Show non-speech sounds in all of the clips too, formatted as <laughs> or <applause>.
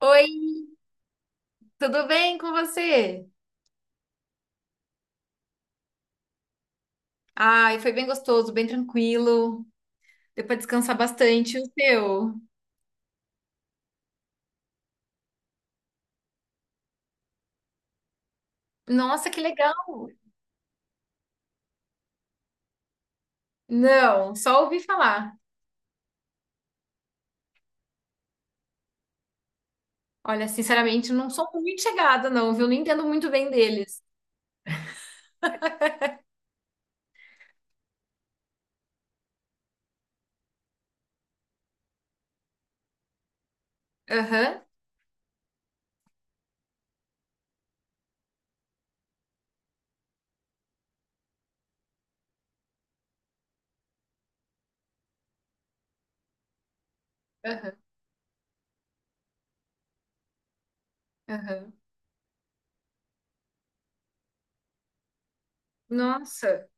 Oi, tudo bem com você? Ai, foi bem gostoso, bem tranquilo. Deu pra descansar bastante. O teu? Nossa, que legal! Não, só ouvi falar. Olha, sinceramente, não sou muito chegada, não, viu? Não entendo muito bem deles. Aham, aham, aham. Nossa.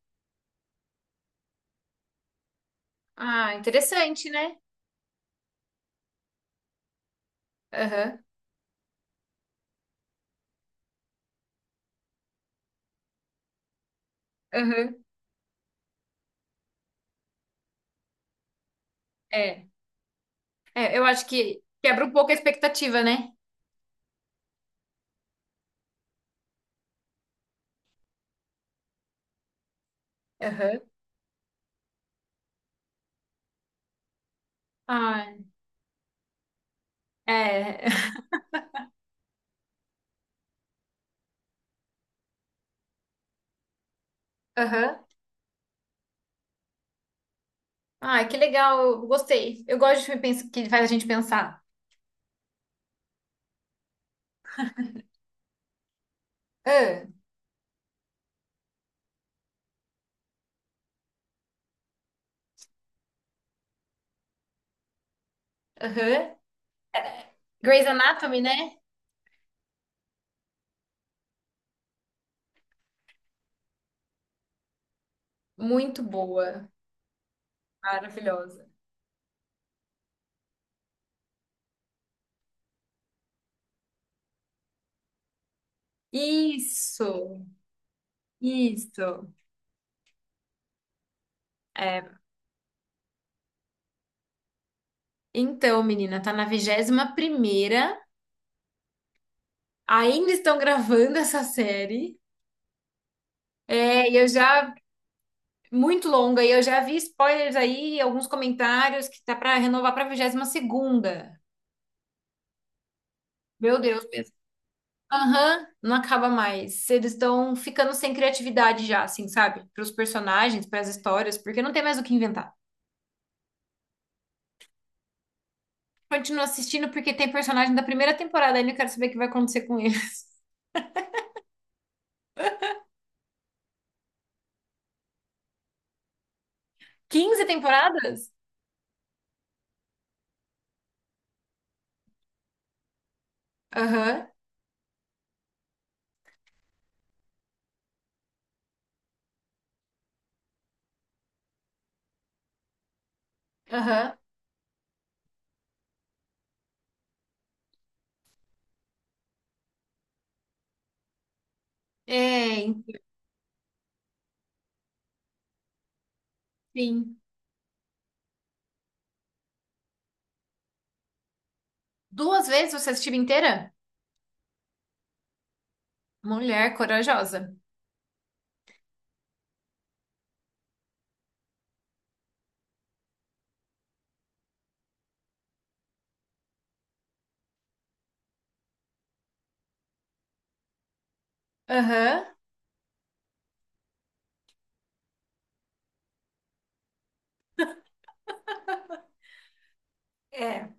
Ah, interessante, né? Aham, aham. É. É, eu acho que quebra um pouco a expectativa, né? Aham. Ah, é. <laughs> Aham. Ai, que legal, eu gostei. Eu gosto de filme que faz a gente pensar. Ah, aham. Grey's Anatomy, né? Muito boa. Maravilhosa. Isso, isso. É. Então, menina, tá na vigésima primeira. Ainda estão gravando essa série. É, e eu já. Muito longa. E eu já vi spoilers aí, alguns comentários que tá pra renovar pra vigésima segunda. Meu Deus. Aham, não acaba mais. Eles estão ficando sem criatividade já, assim, sabe? Para os personagens, para as histórias, porque não tem mais o que inventar. Continuo assistindo porque tem personagem da primeira temporada ainda, eu quero saber o que vai acontecer com ele. <laughs> Quinze temporadas? Aham, aham. É, enfim. Duas vezes você assistiu inteira? Mulher corajosa. Aham. É.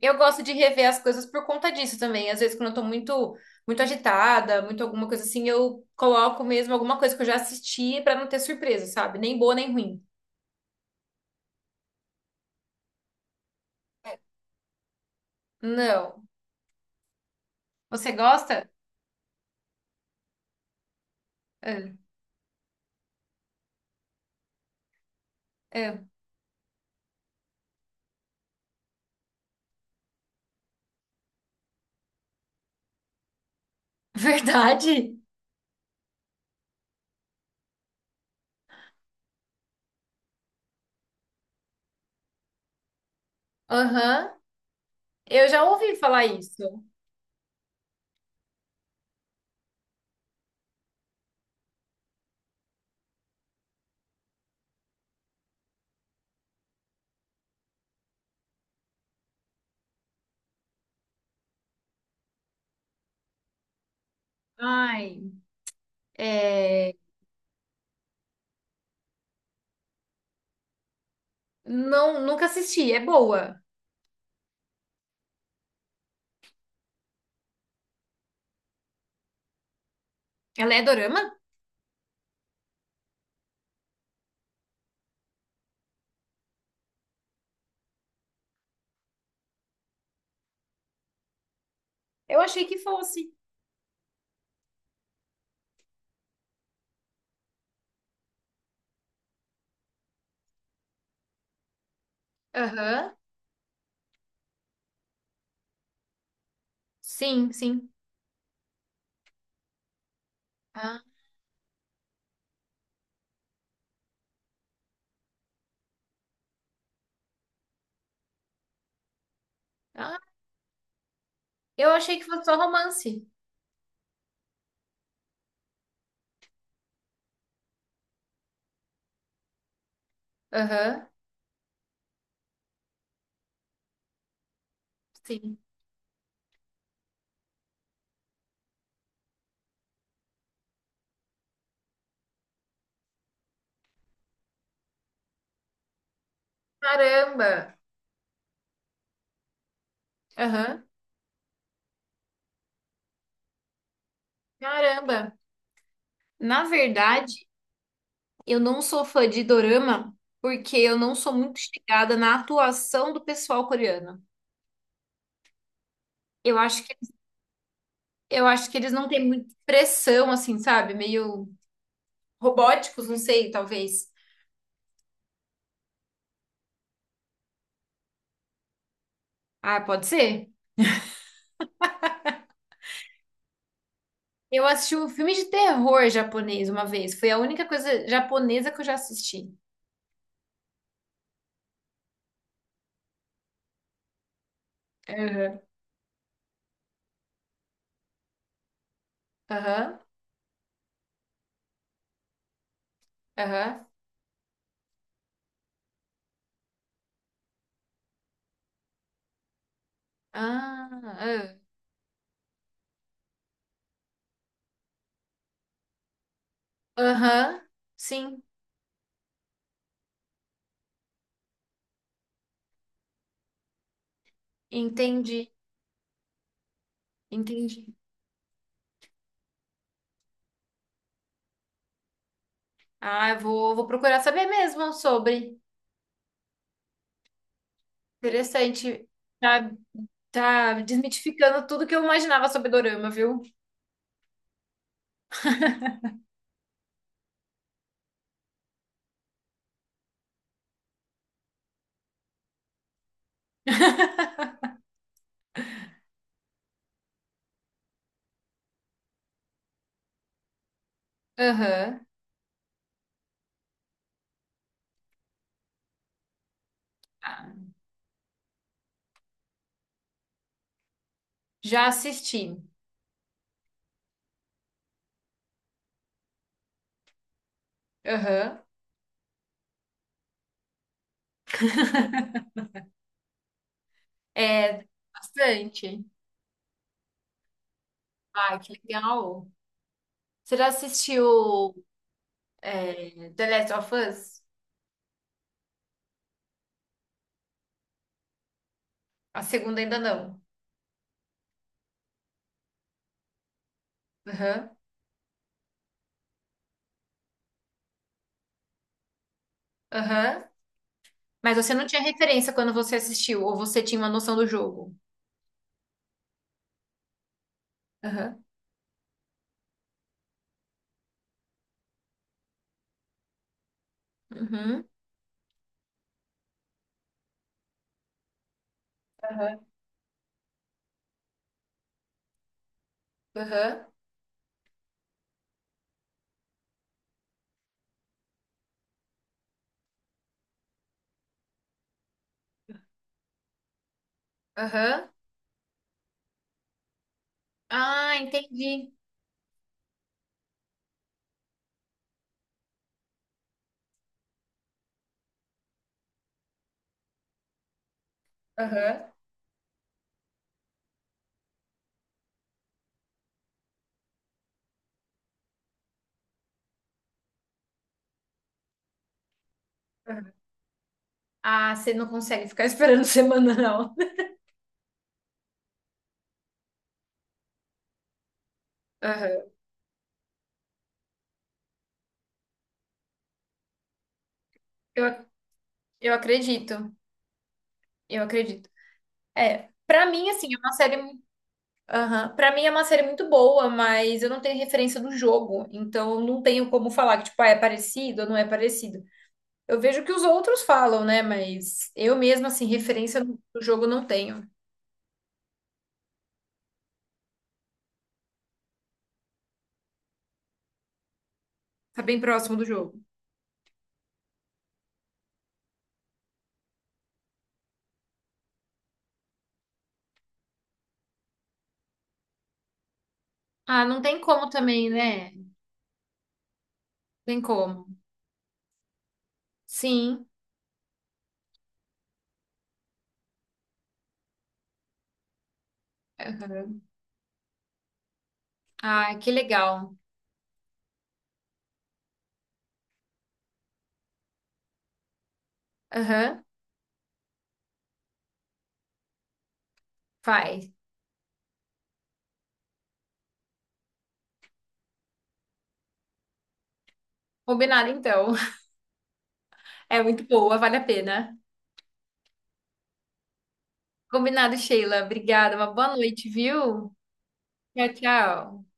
Eu gosto de rever as coisas por conta disso também. Às vezes, quando eu tô muito, muito agitada, muito alguma coisa assim, eu coloco mesmo alguma coisa que eu já assisti pra não ter surpresa, sabe? Nem boa, nem ruim. Não. Você gosta? É, é. <laughs> Verdade? Aham. Eu já ouvi falar isso. Ai, é. Não, nunca assisti. É boa. Ela é dorama? Eu achei que fosse. Aham. Sim, sim. Ah, ah. Eu achei que fosse só romance. Aham. Sim. Caramba! Aham. Caramba! Na verdade, eu não sou fã de dorama porque eu não sou muito chegada na atuação do pessoal coreano. Eu acho que, eu acho que eles não têm muita expressão, assim, sabe? Meio robóticos, não sei, talvez. Ah, pode ser? Eu assisti um filme de terror japonês uma vez. Foi a única coisa japonesa que eu já assisti. Aham. Aham. Aham. Ah, ah. Aham. Sim, entendi. Entendi. Ah, eu vou procurar saber mesmo sobre. Interessante. Tá, tá desmitificando tudo que eu imaginava sobre Dorama, viu? Aham. Ah, já assisti. Aham. É, bastante. Ah, que legal. Você já assistiu The Last of Us? A segunda ainda não. Aham. Aham. Mas você não tinha referência quando você assistiu, ou você tinha uma noção do jogo? Aham. Uhum. Aham. Aham. Aham. Ah, entendi. Aham. Aham. Ah, você não consegue ficar esperando <laughs> semanal. Aham. Eu, ac- eu acredito, eu acredito. É, pra mim, assim, é uma série. Aham. Pra mim é uma série muito boa, mas eu não tenho referência do jogo, então eu não tenho como falar que, tipo, ah, é parecido ou não é parecido. Eu vejo que os outros falam, né? Mas eu mesma, assim, referência do jogo não tenho. Tá bem próximo do jogo. Ah, não tem como também, né? Não tem como. Sim. Aham. Ah, que legal. Aham. Faz. Combinado, então. <laughs> É muito boa, vale a pena. Combinado, Sheila. Obrigada. Uma boa noite, viu? Tchau, tchau.